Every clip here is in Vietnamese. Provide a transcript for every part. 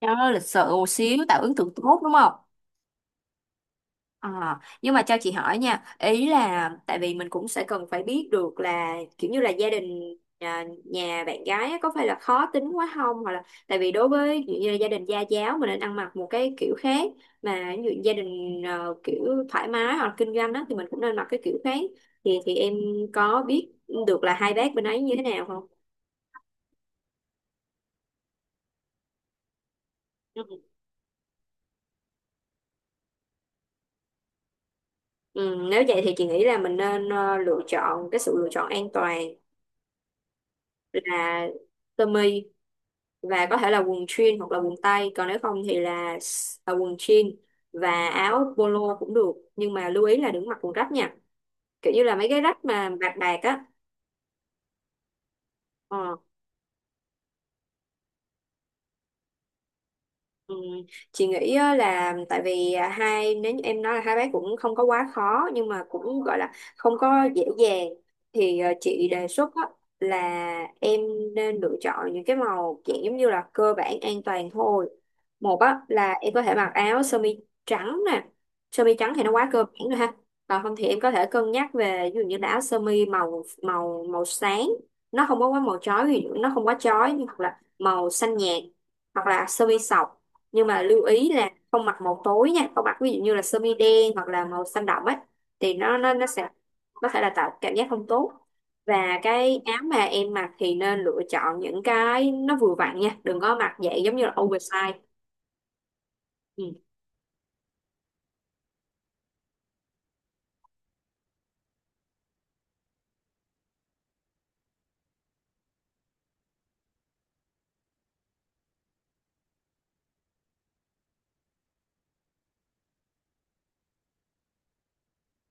Cho lịch sự một xíu tạo ấn tượng tốt đúng không? À, nhưng mà cho chị hỏi nha, ý là tại vì mình cũng sẽ cần phải biết được là kiểu như là gia đình nhà bạn gái á, có phải là khó tính quá không, hoặc là tại vì đối với ví dụ như là gia đình gia giáo mình nên ăn mặc một cái kiểu khác, mà ví dụ gia đình kiểu thoải mái hoặc là kinh doanh đó thì mình cũng nên mặc cái kiểu khác. Thì em có biết được là hai bác bên ấy như thế nào không? Ừ, ừ, nếu vậy thì chị nghĩ là mình nên lựa chọn cái sự lựa chọn an toàn là sơ mi và có thể là quần jean hoặc là quần tây, còn nếu không thì là quần jean và áo polo cũng được, nhưng mà lưu ý là đừng mặc quần rách nha, kiểu như là mấy cái rách mà bạc bạc á ờ, Ừ. Chị nghĩ á là tại vì à, hai nếu như em nói là hai bác cũng không có quá khó nhưng mà cũng gọi là không có dễ dàng, thì chị đề xuất á, là em nên lựa chọn những cái màu dạng giống như là cơ bản an toàn thôi. Một á, là em có thể mặc áo sơ mi trắng nè. Sơ mi trắng thì nó quá cơ bản rồi ha. Còn không thì em có thể cân nhắc về ví dụ như là áo sơ mi màu màu màu sáng, nó không có quá màu chói, thì nó không quá chói, nhưng hoặc là màu xanh nhạt hoặc là sơ mi sọc. Nhưng mà lưu ý là không mặc màu tối nha, không mặc ví dụ như là sơ mi đen hoặc là màu xanh đậm ấy, thì nó sẽ có thể là tạo cảm giác không tốt. Và cái áo mà em mặc thì nên lựa chọn những cái nó vừa vặn nha, đừng có mặc dạng giống như là oversize. Ừ.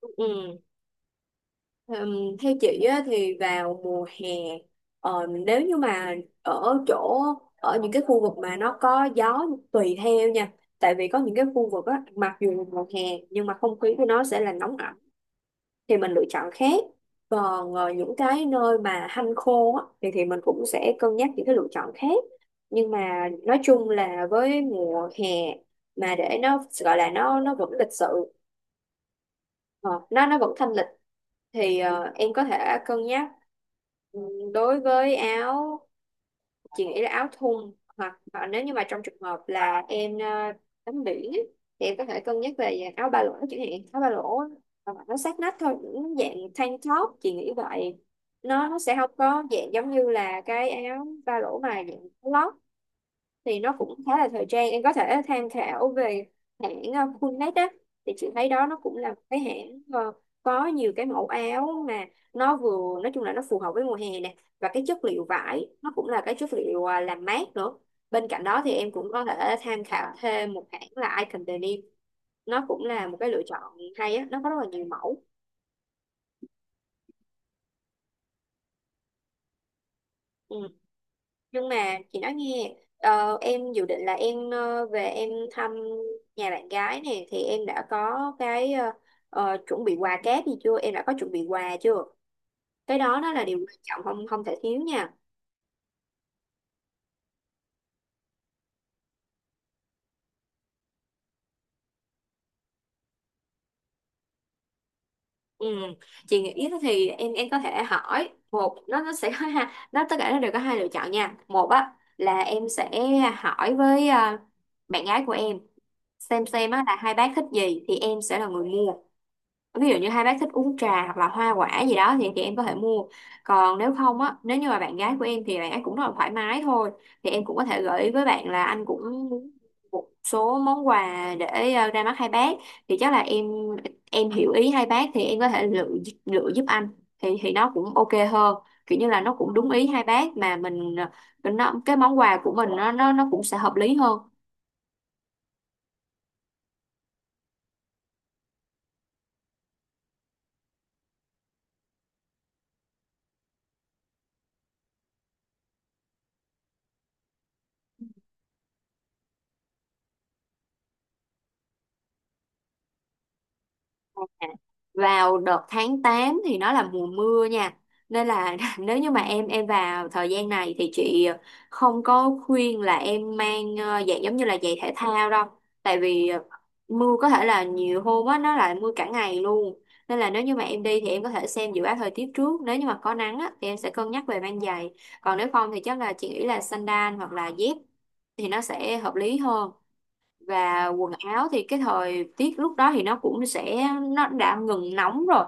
Ừ. Theo chị á, thì vào mùa hè, nếu như mà ở chỗ ở những cái khu vực mà nó có gió, tùy theo nha, tại vì có những cái khu vực á, mặc dù là mùa hè nhưng mà không khí của nó sẽ là nóng ẩm, thì mình lựa chọn khác. Còn những cái nơi mà hanh khô á, thì mình cũng sẽ cân nhắc những cái lựa chọn khác. Nhưng mà nói chung là với mùa hè, mà để nó gọi là nó vẫn lịch sự, ờ, nó vẫn thanh lịch, thì em có thể cân nhắc. Ừ, đối với áo, chị nghĩ là áo thun, hoặc nếu như mà trong trường hợp là em tắm biển á, thì em có thể cân nhắc về dạng áo ba lỗ, chẳng hạn áo ba lỗ á, hoặc là nó sát nách thôi, những dạng tank top, chị nghĩ vậy. Nó sẽ không có dạng giống như là cái áo ba lỗ mà dạng có lót, thì nó cũng khá là thời trang. Em có thể tham khảo về hãng Fullnet á, thì chị thấy đó nó cũng là một cái hãng có nhiều cái mẫu áo mà nó vừa nói chung là nó phù hợp với mùa hè nè, và cái chất liệu vải nó cũng là cái chất liệu làm mát nữa. Bên cạnh đó thì em cũng có thể tham khảo thêm một hãng là Icon Denim, nó cũng là một cái lựa chọn hay á, nó có rất là nhiều mẫu. Ừ. Nhưng mà chị nói nghe, em dự định là em về em thăm nhà bạn gái nè, thì em đã có cái chuẩn bị quà cáp gì chưa, em đã có chuẩn bị quà chưa? Cái đó nó là điều quan trọng không không thể thiếu nha. Ừ. Chị nghĩ thì em có thể hỏi một, nó sẽ có hai, nó tất cả nó đều có hai lựa chọn nha. Một á là em sẽ hỏi với bạn gái của em, xem á là hai bác thích gì thì em sẽ là người mua. Ví dụ như hai bác thích uống trà hoặc là hoa quả gì đó thì em có thể mua. Còn nếu không á, nếu như mà bạn gái của em thì bạn ấy cũng rất là thoải mái thôi, thì em cũng có thể gợi ý với bạn là anh cũng muốn một số món quà để ra mắt hai bác, thì chắc là em hiểu ý hai bác, thì em có thể lựa lựa giúp anh, thì nó cũng ok hơn, kiểu như là nó cũng đúng ý hai bác mà mình, cái món quà của mình nó cũng sẽ hợp lý hơn. À, vào đợt tháng 8 thì nó là mùa mưa nha, nên là nếu như mà em vào thời gian này thì chị không có khuyên là em mang giày giống như là giày thể thao đâu, tại vì mưa có thể là nhiều hôm á, nó lại mưa cả ngày luôn. Nên là nếu như mà em đi thì em có thể xem dự báo thời tiết trước, nếu như mà có nắng á, thì em sẽ cân nhắc về mang giày. Còn nếu không thì chắc là chị nghĩ là sandal hoặc là dép thì nó sẽ hợp lý hơn. Và quần áo thì cái thời tiết lúc đó thì nó cũng sẽ nó đã ngừng nóng rồi,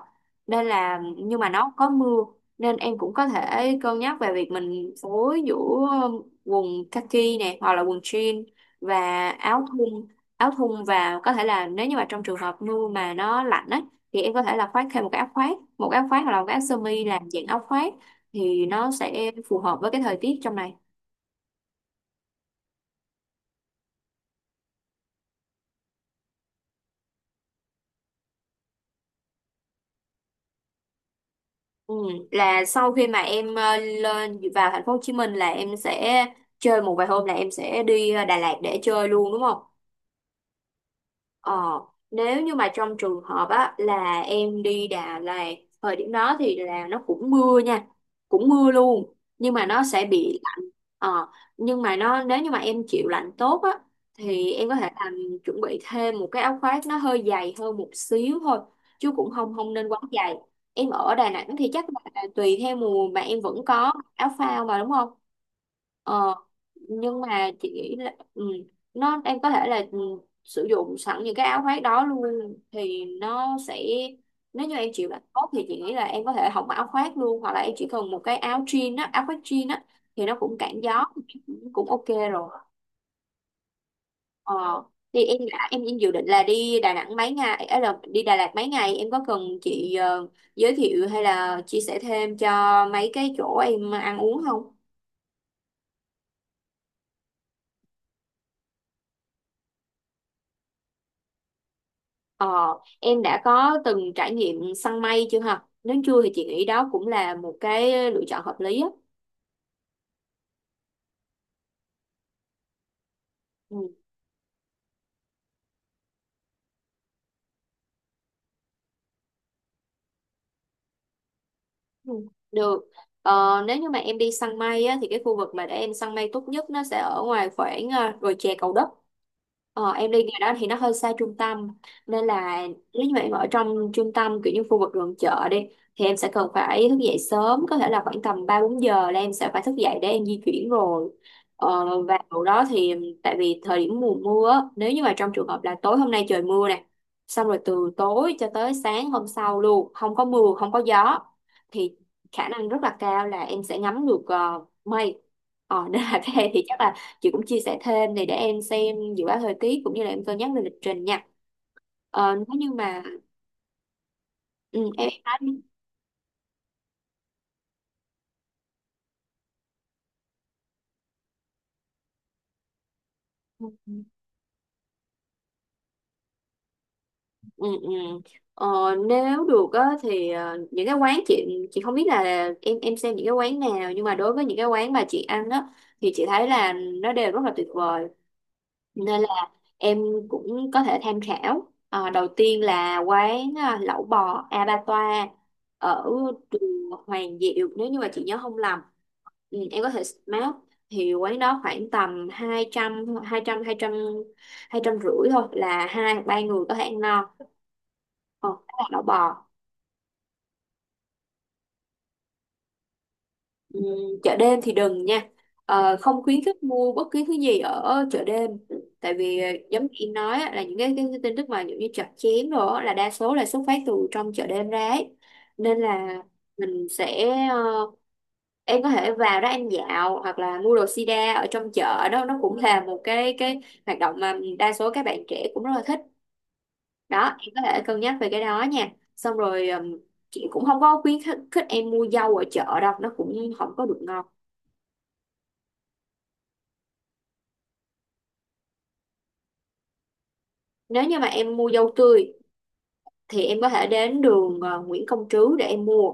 nên là, nhưng mà nó có mưa nên em cũng có thể cân nhắc về việc mình phối giữa quần kaki này hoặc là quần jean và áo thun và có thể là nếu như mà trong trường hợp mưa mà nó lạnh ấy, thì em có thể là khoác thêm một cái áo khoác hoặc là một cái áo sơ mi làm dạng áo khoác, thì nó sẽ phù hợp với cái thời tiết trong này. Ừ, là sau khi mà em lên vào thành phố Hồ Chí Minh là em sẽ chơi một vài hôm, là em sẽ đi Đà Lạt để chơi luôn đúng không? Ờ, nếu như mà trong trường hợp á là em đi Đà Lạt, thời điểm đó thì là nó cũng mưa nha, cũng mưa luôn nhưng mà nó sẽ bị lạnh. ờ, nhưng mà nó, nếu như mà em chịu lạnh tốt á thì em có thể làm chuẩn bị thêm một cái áo khoác nó hơi dày hơn một xíu thôi, chứ cũng không không nên quá dày. Em ở Đà Nẵng thì chắc là tùy theo mùa mà em vẫn có áo phao mà đúng không? Ờ, nhưng mà chị nghĩ là, ừ, nó em có thể là sử dụng sẵn những cái áo khoác đó luôn, thì nó sẽ nếu như em chịu làm tốt thì chị nghĩ là em có thể hỏng áo khoác luôn, hoặc là em chỉ cần một cái áo jean á, áo khoác jean á, thì nó cũng cản gió cũng ok rồi. ờ thì em đã em dự định là đi Đà Nẵng mấy ngày, ấy là đi Đà Lạt mấy ngày, em có cần chị giới thiệu hay là chia sẻ thêm cho mấy cái chỗ em ăn uống không? Ờ em đã có từng trải nghiệm săn mây chưa hả? Nếu chưa thì chị nghĩ đó cũng là một cái lựa chọn hợp lý á. Ừ. Ừ. Được. Nếu như mà em đi săn mây á, thì cái khu vực mà để em săn mây tốt nhất nó sẽ ở ngoài khoảng đồi chè Cầu Đất. Em đi ngày đó thì nó hơi xa trung tâm, nên là nếu như mà em ở trong trung tâm kiểu như khu vực gần chợ đi thì em sẽ cần phải thức dậy sớm, có thể là khoảng tầm 3-4 giờ là em sẽ phải thức dậy để em di chuyển rồi. Và lúc đó thì, tại vì thời điểm mùa mưa á, nếu như mà trong trường hợp là tối hôm nay trời mưa nè, xong rồi từ tối cho tới sáng hôm sau luôn không có mưa không có gió, thì khả năng rất là cao là em sẽ ngắm được mây. Nên là các em thì chắc là chị cũng chia sẻ thêm này để em xem dự báo thời tiết cũng như là em cân nhắc về lịch trình nha. Nếu như mà ừ, em nói đi. Ừ, ừ. Ừ. Ờ, Nếu được á, thì những cái quán chị không biết là em xem những cái quán nào, nhưng mà đối với những cái quán mà chị ăn á, thì chị thấy là nó đều rất là tuyệt vời, nên là em cũng có thể tham khảo. Ờ, Đầu tiên là quán lẩu bò A Ba Toa ở đường Hoàng Diệu, nếu như mà chị nhớ không lầm. Ừ, em có thể map. Thì quán đó khoảng tầm hai hai hai trăm trăm trăm 250.000 thôi là hai ba người có thể ăn no. Ờ, đó là lẩu bò. Ừ, chợ đêm thì đừng nha. Ờ, không khuyến khích mua bất cứ thứ gì ở chợ đêm, tại vì giống như em nói á, là cái tin tức mà giống như chặt chém đồ á, là đa số là xuất phát từ trong chợ đêm ra ấy. Nên là mình sẽ em có thể vào đó ăn dạo hoặc là mua đồ sida ở trong chợ, đó nó cũng là một cái hoạt động mà đa số các bạn trẻ cũng rất là thích. Đó, em có thể cân nhắc về cái đó nha. Xong rồi chị cũng không có khuyến khích khích em mua dâu ở chợ đâu, nó cũng không có được ngon. Nếu như mà em mua dâu tươi thì em có thể đến đường Nguyễn Công Trứ để em mua.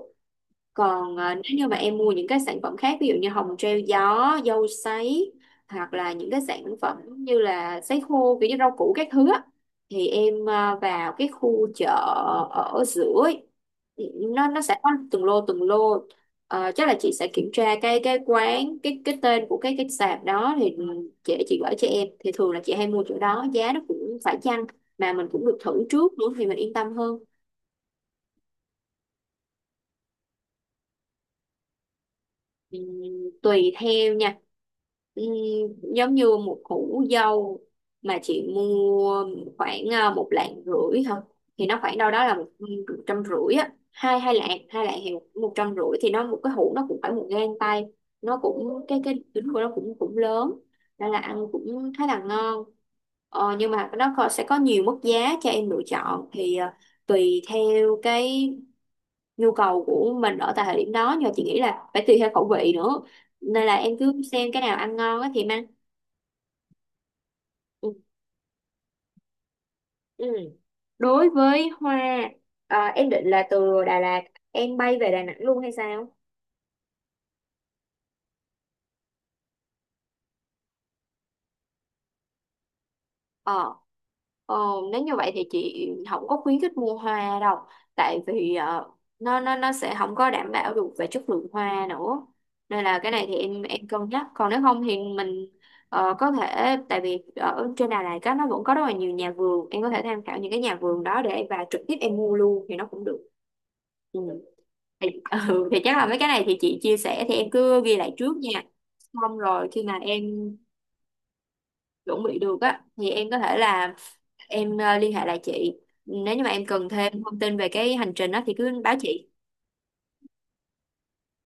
Còn nếu như mà em mua những cái sản phẩm khác, ví dụ như hồng treo gió, dâu sấy, hoặc là những cái sản phẩm như là sấy khô kiểu như rau củ các thứ á, thì em vào cái khu chợ ở giữa ấy, nó sẽ có từng lô từng lô. Ờ, chắc là chị sẽ kiểm tra cái tên của cái sạp đó thì chị gửi cho em, thì thường là chị hay mua chỗ đó, giá nó cũng phải chăng mà mình cũng được thử trước nữa thì mình yên tâm hơn. Ừ, tùy theo nha. Ừ, giống như một củ dâu mà chị mua khoảng một lạng rưỡi thôi thì nó khoảng đâu đó là một trăm rưỡi á, hai hai lạng 2 lạng thì 150.000, thì nó một cái hũ nó cũng phải một gang tay, nó cũng cái trứng của nó cũng cũng lớn, nên là ăn cũng khá là ngon. Nhưng mà sẽ có nhiều mức giá cho em lựa chọn, thì tùy theo cái nhu cầu của mình ở tại thời điểm đó, nhưng mà chị nghĩ là phải tùy theo khẩu vị nữa, nên là em cứ xem cái nào ăn ngon á thì em ăn. Ừ. Ừ. Đối với hoa, em định là từ Đà Lạt em bay về Đà Nẵng luôn hay sao? Ờ, ờ, Nếu như vậy thì chị không có khuyến khích mua hoa đâu, tại vì nó sẽ không có đảm bảo được về chất lượng hoa nữa, nên là cái này thì em cân nhắc, còn nếu không thì mình có thể, tại vì ở trên Đà Lạt á, nó vẫn có rất là nhiều nhà vườn, em có thể tham khảo những cái nhà vườn đó để và trực tiếp em mua luôn thì nó cũng được. Ừ. Thì, ừ, thì chắc là mấy cái này thì chị chia sẻ thì em cứ ghi lại trước nha, xong rồi khi mà em chuẩn bị được á thì em có thể là em liên hệ lại chị. Nếu như mà em cần thêm thông tin về cái hành trình đó thì cứ báo chị.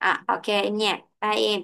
À, ok em nha, bye em.